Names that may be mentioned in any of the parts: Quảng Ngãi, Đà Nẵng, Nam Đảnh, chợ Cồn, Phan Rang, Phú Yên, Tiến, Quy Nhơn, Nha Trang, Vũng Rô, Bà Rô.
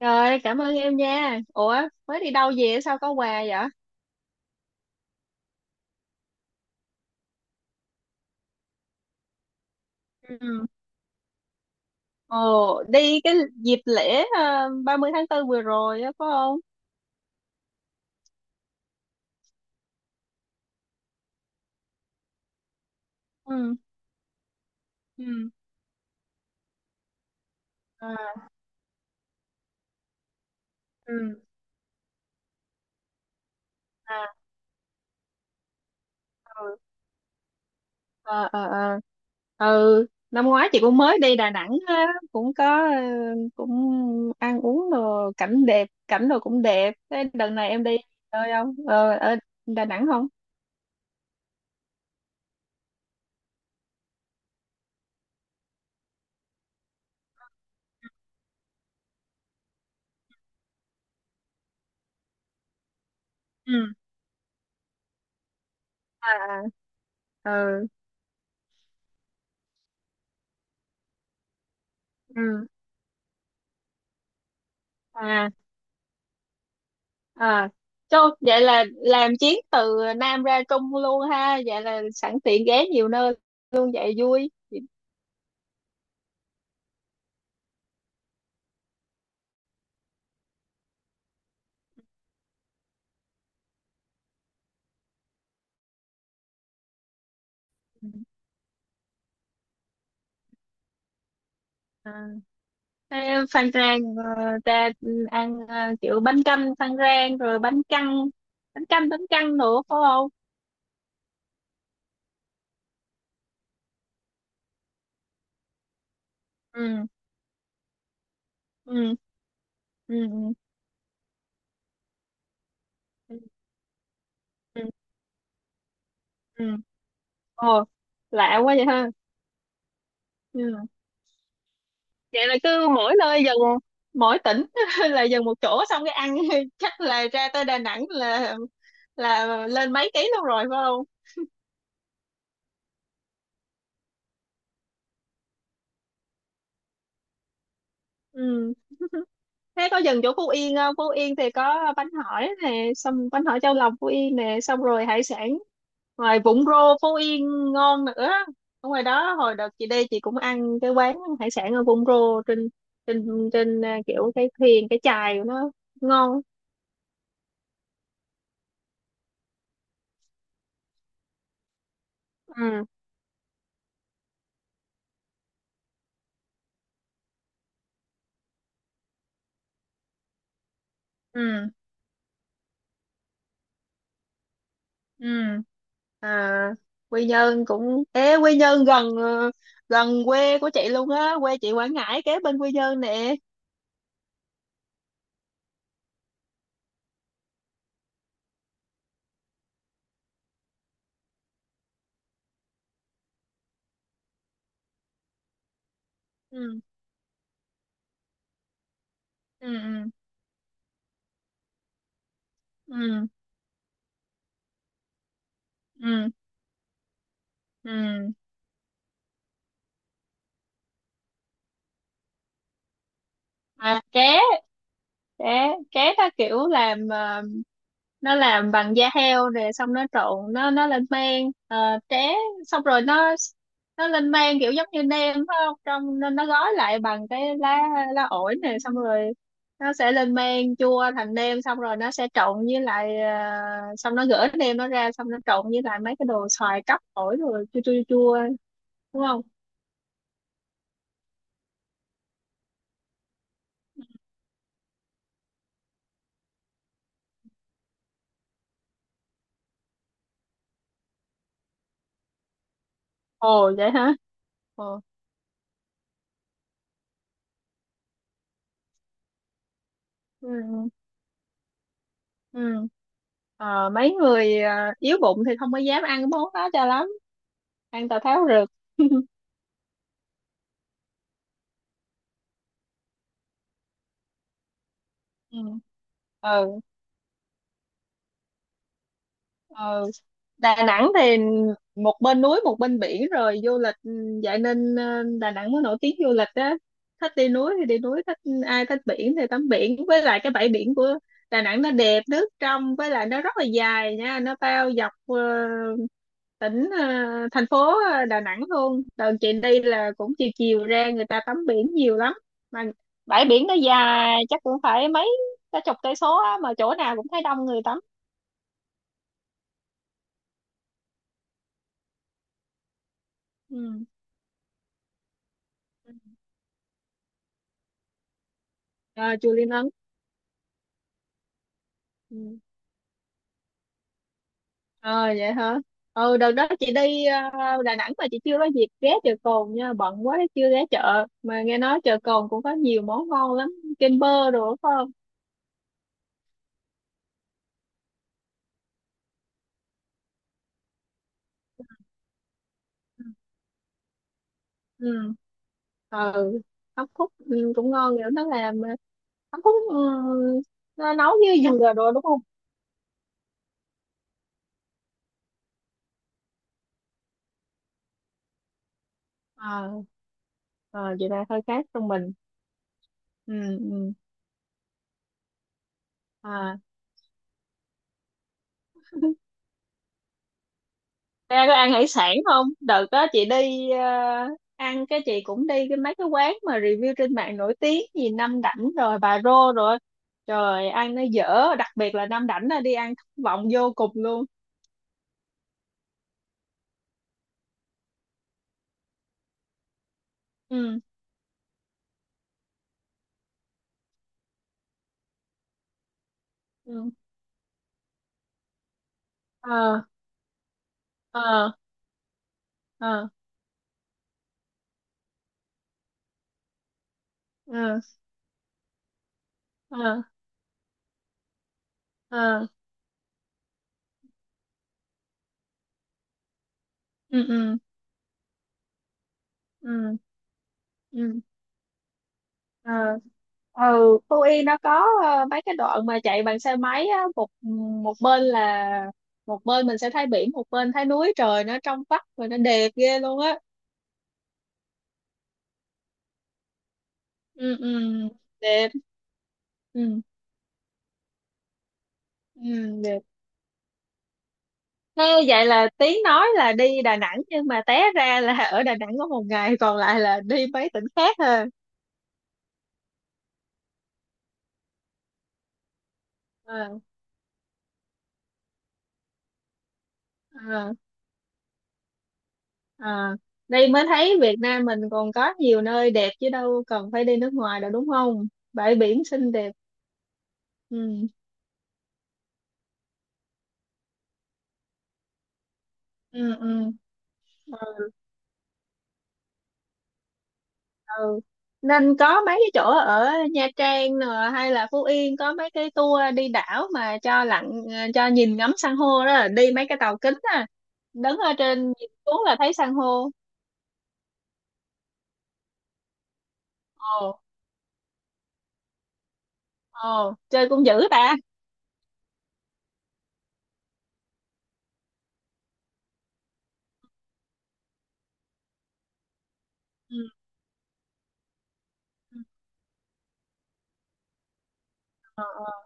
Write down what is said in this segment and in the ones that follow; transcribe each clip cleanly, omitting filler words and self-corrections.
Rồi, cảm ơn em nha. Ủa, mới đi đâu về sao có quà vậy? Ừ. Ồ, đi cái dịp lễ 30 tháng 4 vừa rồi á, phải không? Ừ. Ừ. À. Ừ. À, ừ, ờ, ờ, ờ. Ừ, năm ngoái chị cũng mới đi Đà Nẵng ha, cũng có cũng ăn uống đồ cảnh đẹp, cảnh đồ cũng đẹp. Thế đợt này em đi chơi không? Ờ, Ở Đà Nẵng không? Ừ. À, à, ừ. Ừ. À, à, cho vậy là làm chuyến từ Nam ra Trung luôn ha, vậy là sẵn tiện ghé nhiều nơi luôn vậy vui. À, thế Phan Rang ra ăn kiểu bánh canh Phan Rang rồi bánh căn, bánh canh bánh căn nữa phải không? Ừ, ừ, ừ, ừ, ừ, ừ. Ồ, lạ quá vậy ha. Ừ. Vậy là cứ mỗi nơi dần mỗi tỉnh là dần một chỗ xong cái ăn chắc là ra tới Đà Nẵng là lên mấy ký luôn rồi phải không? Ừ. Thế có dừng chỗ Phú Yên không? Phú Yên thì có bánh hỏi nè, xong bánh hỏi chao lòng Phú Yên nè, xong rồi hải sản. Ngoài Vũng Rô Phú Yên ngon nữa. Ở ngoài đó hồi đợt chị đi chị cũng ăn cái quán hải sản ở Vũng Rô trên trên trên à, kiểu cái thuyền cái chài của nó ngon. Ừ ừ ừ. À, Quy Nhơn cũng ế, Quy Nhơn gần quê của chị luôn á, quê chị Quảng Ngãi kế bên Quy Nhơn nè. Ừ ừ ừ ừ ừ. Ừ. À, ké ké ké nó kiểu làm nó làm bằng da heo nè, xong nó trộn nó lên men, tré, xong rồi nó lên men kiểu giống như nem phải không, trong nên nó gói lại bằng cái lá, lá ổi nè, xong rồi nó sẽ lên men chua thành nem, xong rồi nó sẽ trộn với lại xong nó gỡ nem nó ra xong nó trộn với lại mấy cái đồ xoài cắp ổi rồi chua chua chua, đúng không? Ồ, vậy hả? Ồ. Ừ. Ừ. Ừ. Ờ, mấy người yếu bụng thì không có dám ăn cái món đó cho lắm, ăn tào tháo rực. Ừ. Ờ, Đà Nẵng thì một bên núi một bên biển rồi du lịch, vậy nên Đà Nẵng mới nổi tiếng du lịch á, thích đi núi thì đi núi, thích ai thích biển thì tắm biển, với lại cái bãi biển của Đà Nẵng nó đẹp, nước trong, với lại nó rất là dài nha, nó bao dọc tỉnh, thành phố Đà Nẵng luôn. Đợt chị đi là cũng chiều chiều ra người ta tắm biển nhiều lắm mà, bãi biển nó dài chắc cũng phải mấy, cả chục cây số á, mà chỗ nào cũng thấy đông người tắm. Ừ. À, chùa Linh Ấn. Ừ. À, vậy hả. Ừ, đợt đó chị đi Đà Nẵng mà chị chưa có dịp ghé chợ Cồn nha, bận quá chưa ghé chợ, mà nghe nói chợ Cồn cũng có nhiều món ngon lắm, kem bơ đồ phải không? Ừ ừ. Ừ, hấp khúc cũng ngon nữa, nó làm hấp khúc nó nấu với dừa đồ đúng không? À, à, vậy là hơi khác trong mình. Ừ, ừ. À, ra có ăn hải sản không? Đợt đó chị đi ăn cái, chị cũng đi cái mấy cái quán mà review trên mạng nổi tiếng gì Nam Đảnh rồi Bà Rô rồi, trời, ăn nó dở, đặc biệt là Nam Đảnh là đi ăn thất vọng vô cùng luôn. Ừ ừ ờ ờ ờ ờ ờ ờ ừ ừ ừ ừ ờ. Ừ. Phú Yên nó có mấy cái đoạn mà chạy bằng xe máy á, một một bên là, một bên mình sẽ thấy biển, một bên thấy núi, trời nó trong vắt và nó đẹp ghê luôn á. Ừ ừ, đẹp. Ừ ừ, đẹp. Thế vậy là Tiến nói là đi Đà Nẵng nhưng mà té ra là ở Đà Nẵng có một ngày còn lại là đi mấy tỉnh khác ha. À, à, à. Đây mới thấy Việt Nam mình còn có nhiều nơi đẹp chứ đâu cần phải đi nước ngoài đâu, đúng không? Bãi biển xinh đẹp. Ừ ừ ừ ừ. Nên có mấy cái chỗ ở Nha Trang nè, hay là Phú Yên có mấy cái tour đi đảo mà cho lặn cho nhìn ngắm san hô đó, là đi mấy cái tàu kính á, đứng ở trên nhìn xuống là thấy san hô. Ồ. Ồ, chơi cũng dữ ta. Ừ ừ. Ờ ờ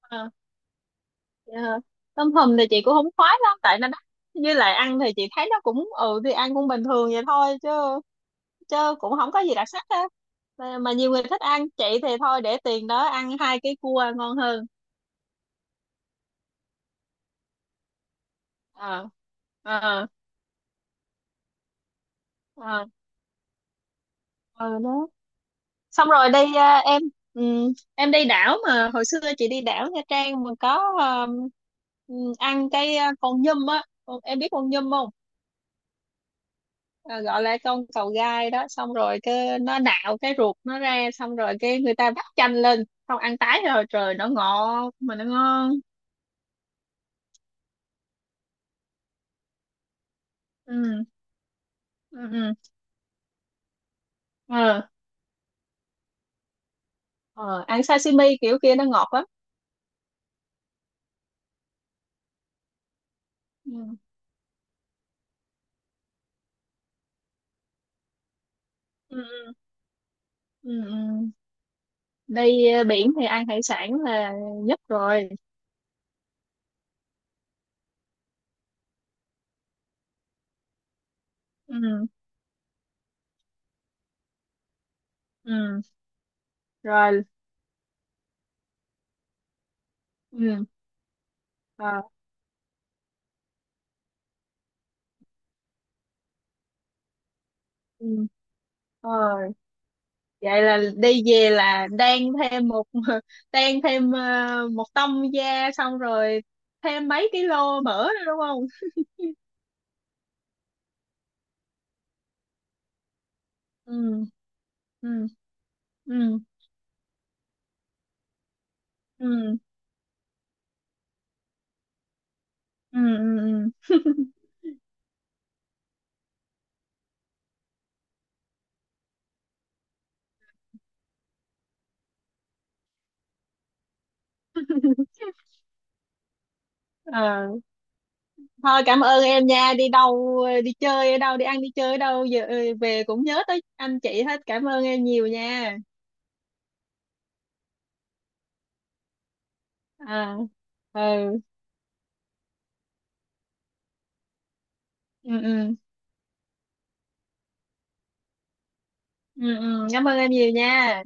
ờ. Dạ. Tôm hùm thì chị cũng không khoái lắm tại nó đắt, với lại ăn thì chị thấy nó cũng thì ăn cũng bình thường vậy thôi, chứ chứ cũng không có gì đặc sắc á, mà nhiều người thích ăn, chị thì thôi để tiền đó ăn hai cái cua ngon hơn. Ờ ờ ờ ừ đó, xong rồi đi à, em ừm, em đi đảo, mà hồi xưa chị đi đảo Nha Trang mà có ăn cái con nhum á. Em biết con nhum không? À, gọi là con cầu gai đó, xong rồi cái nó nạo cái ruột nó ra, xong rồi cái người ta vắt chanh lên, xong ăn tái rồi, trời nó ngọt mà nó ngon. Ừ ừ ừ. Ờ. Ờ, ăn sashimi kiểu kia nó ngọt lắm. Ừ. Ừ, ừ. Ừ, ừ. Đi biển thì ăn hải sản là nhất rồi. Ừ. Ừ. Rồi. Ừ. Ờ, ừ. Ờ, vậy là đi về là đan thêm một đan thêm một tông da, xong rồi thêm mấy ký lô mỡ nữa đúng không? Ừ. Ừ. Ừ. Ừ. Ừ. Ừ. Ừ. Ờ. Thôi cảm ơn em nha, đi đâu, đi chơi ở đâu, đi ăn đi chơi ở đâu giờ về cũng nhớ tới anh chị hết. Cảm ơn em nhiều nha. À. Ừ. Ừ ừ. Ừ ừ, cảm ơn em nhiều nha.